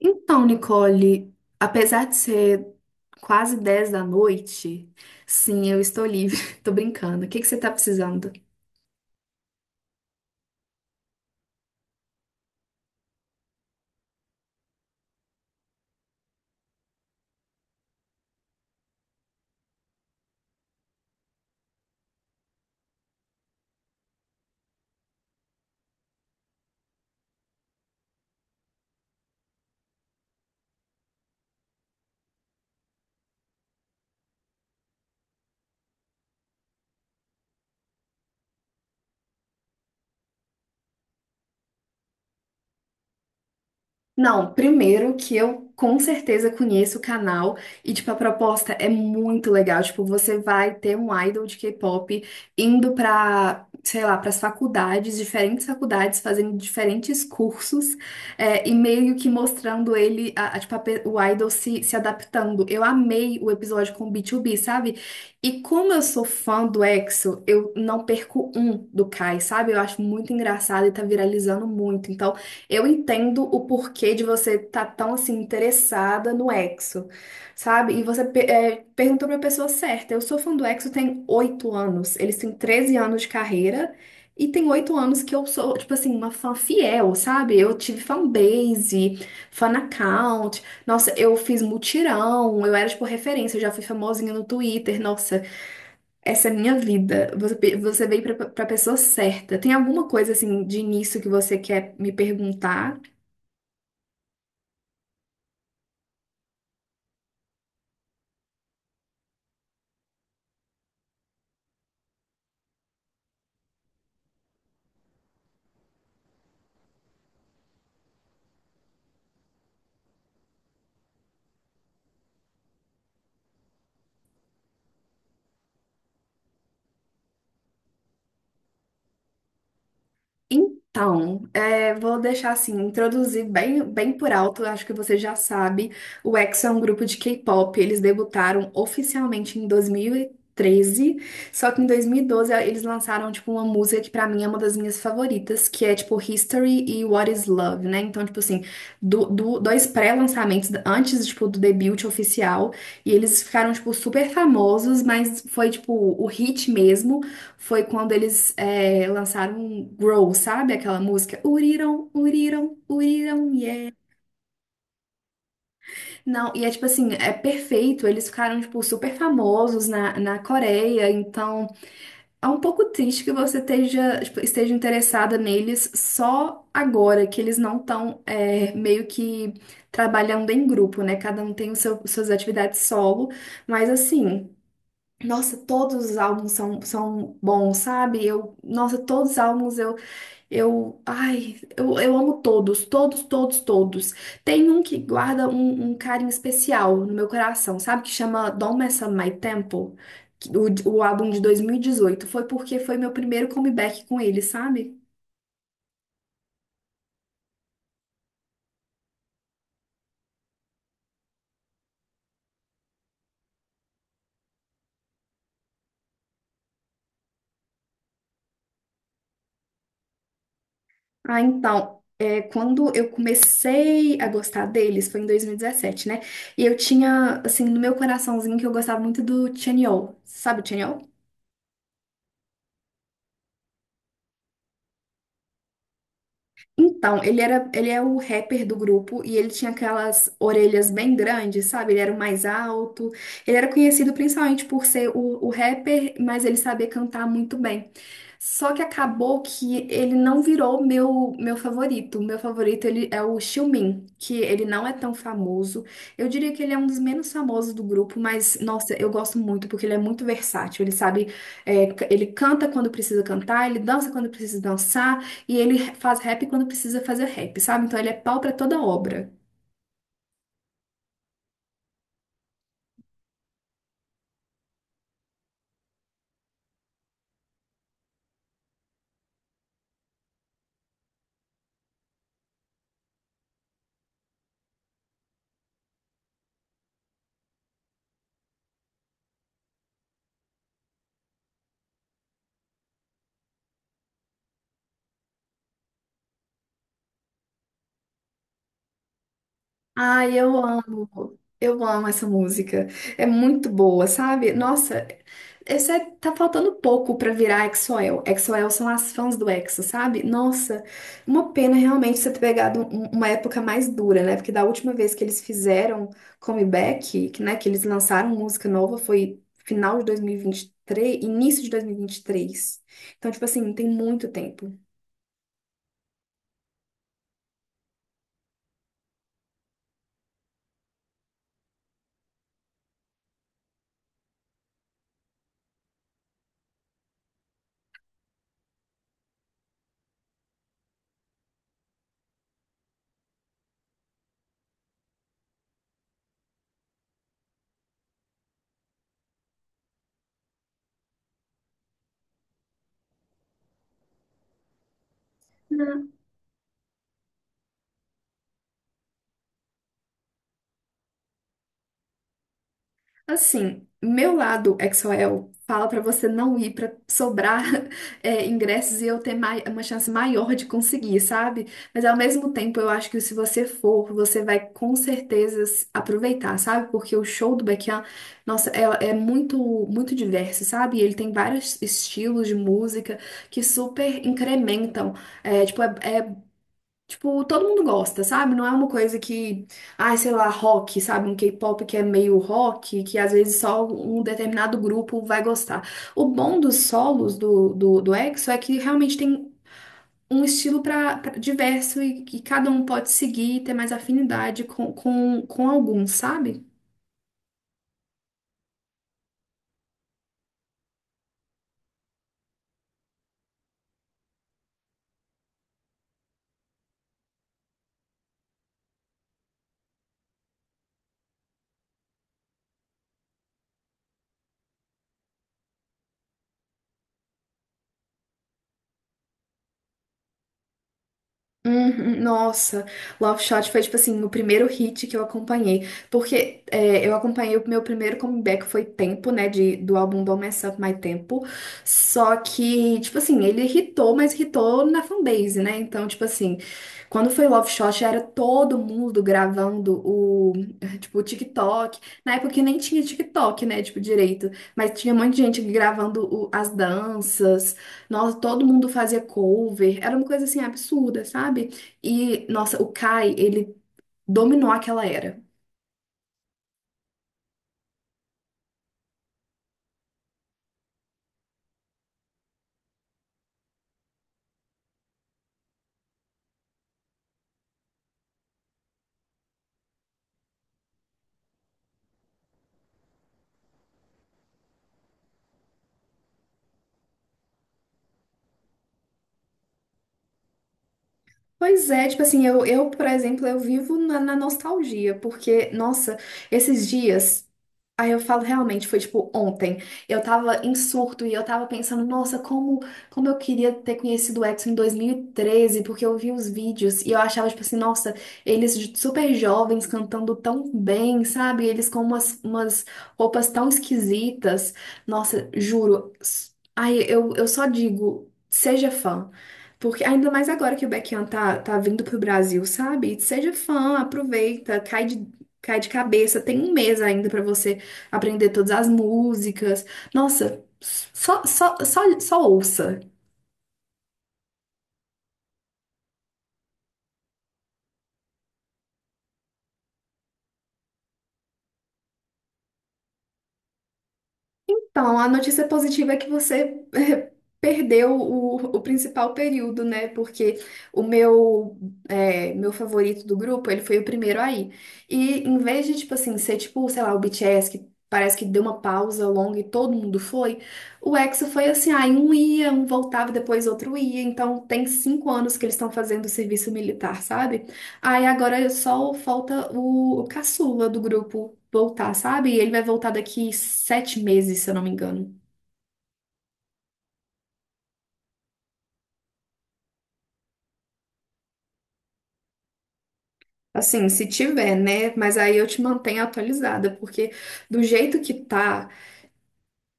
Então, Nicole, apesar de ser quase 10 da noite, sim, eu estou livre. Tô brincando. O que que você tá precisando? Não, primeiro que eu com certeza conheço o canal e, tipo, a proposta é muito legal. Tipo, você vai ter um idol de K-pop indo pra, sei lá, pras faculdades, diferentes faculdades, fazendo diferentes cursos e meio que mostrando ele, tipo, o idol se adaptando. Eu amei o episódio com o B2B, sabe? E como eu sou fã do EXO, eu não perco um do Kai, sabe? Eu acho muito engraçado e tá viralizando muito. Então, eu entendo o porquê de você estar tão assim interessada no EXO, sabe? E você perguntou para a pessoa certa. Eu sou fã do EXO tem 8 anos. Eles têm 13 anos de carreira e tem 8 anos que eu sou, tipo assim, uma fã fiel, sabe? Eu tive fanbase, fan account. Nossa, eu fiz mutirão, eu era tipo referência, eu já fui famosinha no Twitter. Nossa, essa é a minha vida. Você veio para a pessoa certa. Tem alguma coisa assim de início que você quer me perguntar? Então, vou deixar assim, introduzir bem, bem por alto, acho que você já sabe, o EXO é um grupo de K-pop, eles debutaram oficialmente em 2013, só que em 2012 eles lançaram, tipo, uma música que pra mim é uma das minhas favoritas, que é, tipo, History e What is Love, né? Então, tipo assim, dois pré-lançamentos antes, tipo, do debut oficial, e eles ficaram, tipo, super famosos, mas foi, tipo, o hit mesmo foi quando eles lançaram um Grow, sabe? Aquela música. Uriram, uriram, uriram, yeah. Não, e é tipo assim, é perfeito. Eles ficaram, tipo, super famosos na Coreia. Então, é um pouco triste que você esteja, tipo, esteja interessada neles só agora, que eles não estão meio que trabalhando em grupo, né? Cada um tem o seu, suas atividades solo. Mas assim. Nossa, todos os álbuns são bons, sabe? Eu, nossa, todos os álbuns. Eu amo todos, todos, todos, todos. Tem um que guarda um carinho especial no meu coração, sabe? Que chama Don't Mess Up My Tempo, que- o, o álbum de 2018. Foi porque foi meu primeiro comeback com ele, sabe? Ah, então, quando eu comecei a gostar deles, foi em 2017, né? E eu tinha, assim, no meu coraçãozinho que eu gostava muito do Chanyeol. Sabe o Chanyeol? Então, ele era, ele é o rapper do grupo e ele tinha aquelas orelhas bem grandes, sabe? Ele era o mais alto. Ele era conhecido principalmente por ser o rapper, mas ele sabia cantar muito bem. Só que acabou que ele não virou meu favorito. Meu favorito ele é o Xiumin, que ele não é tão famoso. Eu diria que ele é um dos menos famosos do grupo, mas nossa, eu gosto muito porque ele é muito versátil. Ele sabe, ele canta quando precisa cantar, ele dança quando precisa dançar. E ele faz rap quando precisa fazer rap, sabe? Então ele é pau pra toda obra. Ai, eu amo. Eu amo essa música. É muito boa, sabe? Nossa, tá faltando pouco pra virar EXO-L. EXO-L são as fãs do EXO, sabe? Nossa, uma pena realmente você ter pegado uma época mais dura, né? Porque da última vez que eles fizeram comeback, que, né, que eles lançaram música nova foi final de 2023, início de 2023. Então, tipo assim, tem muito tempo. Assim, meu lado exoel fala pra você não ir pra sobrar ingressos e eu ter uma chance maior de conseguir, sabe? Mas ao mesmo tempo, eu acho que se você for, você vai com certeza aproveitar, sabe? Porque o show do Baekhyun, nossa, é muito muito diverso, sabe? E ele tem vários estilos de música que super incrementam. É, tipo, é, é Tipo, todo mundo gosta, sabe? Não é uma coisa que, ai, sei lá, rock, sabe? Um K-pop que é meio rock, que às vezes só um determinado grupo vai gostar. O bom dos solos do EXO é que realmente tem um estilo diverso e que cada um pode seguir e ter mais afinidade com algum, sabe? Uhum. Nossa, Love Shot foi tipo assim o primeiro hit que eu acompanhei, porque eu acompanhei o meu primeiro comeback foi Tempo, né, do álbum Don't Mess Up My Tempo. Só que tipo assim ele hitou, mas hitou na fanbase, né? Então tipo assim, quando foi Love Shot era todo mundo gravando o, tipo, o TikTok. Na época que nem tinha TikTok, né, tipo direito, mas tinha um monte de gente gravando as danças. Nossa, todo mundo fazia cover, era uma coisa assim absurda, sabe? E, nossa, o Kai, ele dominou aquela era. Pois é, tipo assim, por exemplo, eu vivo na nostalgia, porque, nossa, esses dias. Aí eu falo, realmente, foi tipo ontem. Eu tava em surto e eu tava pensando, nossa, como, como eu queria ter conhecido o Exo em 2013 porque eu vi os vídeos e eu achava, tipo assim, nossa, eles super jovens cantando tão bem, sabe? Eles com umas roupas tão esquisitas. Nossa, juro. Ai, eu só digo, seja fã. Porque ainda mais agora que o Baekhyun tá vindo pro Brasil, sabe? Seja fã, aproveita, cai de cabeça. Tem um mês ainda pra você aprender todas as músicas. Nossa, só, só, só, só ouça. Então, a notícia positiva é que você perdeu o principal período, né? Porque o meu, meu favorito do grupo, ele foi o primeiro aí. E em vez de, tipo assim, ser tipo, sei lá, o BTS, que parece que deu uma pausa longa e todo mundo foi, o EXO foi assim, aí um ia, um voltava, depois outro ia. Então, tem 5 anos que eles estão fazendo o serviço militar, sabe? Aí agora só falta o caçula do grupo voltar, sabe? E ele vai voltar daqui 7 meses, se eu não me engano. Assim, se tiver, né? Mas aí eu te mantenho atualizada, porque do jeito que tá,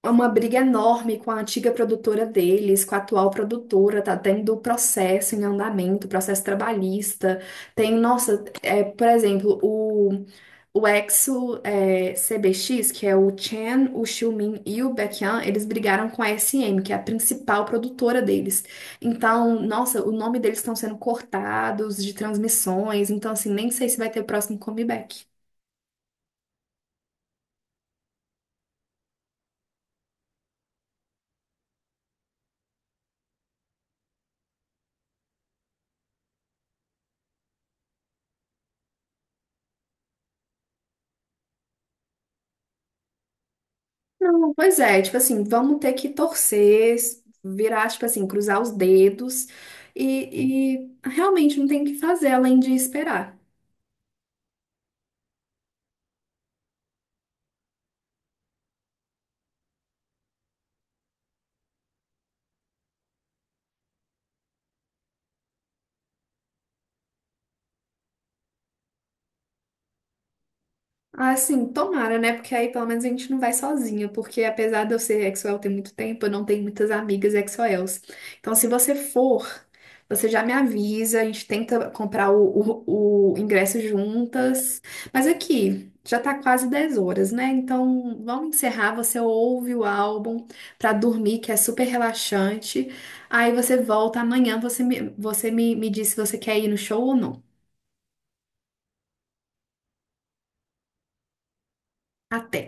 é uma briga enorme com a antiga produtora deles, com a atual produtora, tá tendo processo em andamento, processo trabalhista. Tem, nossa, por exemplo, o Exo CBX, que é o Chen, o Xiumin e o Baekhyun, eles brigaram com a SM, que é a principal produtora deles. Então, nossa, o nome deles estão sendo cortados de transmissões, então assim, nem sei se vai ter o próximo comeback. Não, pois é, tipo assim, vamos ter que torcer, virar, tipo assim, cruzar os dedos e realmente não tem o que fazer além de esperar. Ah, sim, tomara, né? Porque aí pelo menos a gente não vai sozinha, porque apesar de eu ser Exoel tem muito tempo, eu não tenho muitas amigas Exoels. Então, se você for, você já me avisa, a gente tenta comprar o ingresso juntas. Mas aqui, já tá quase 10 horas, né? Então, vamos encerrar, você ouve o álbum pra dormir, que é super relaxante. Aí você volta amanhã, me diz se você quer ir no show ou não. Até.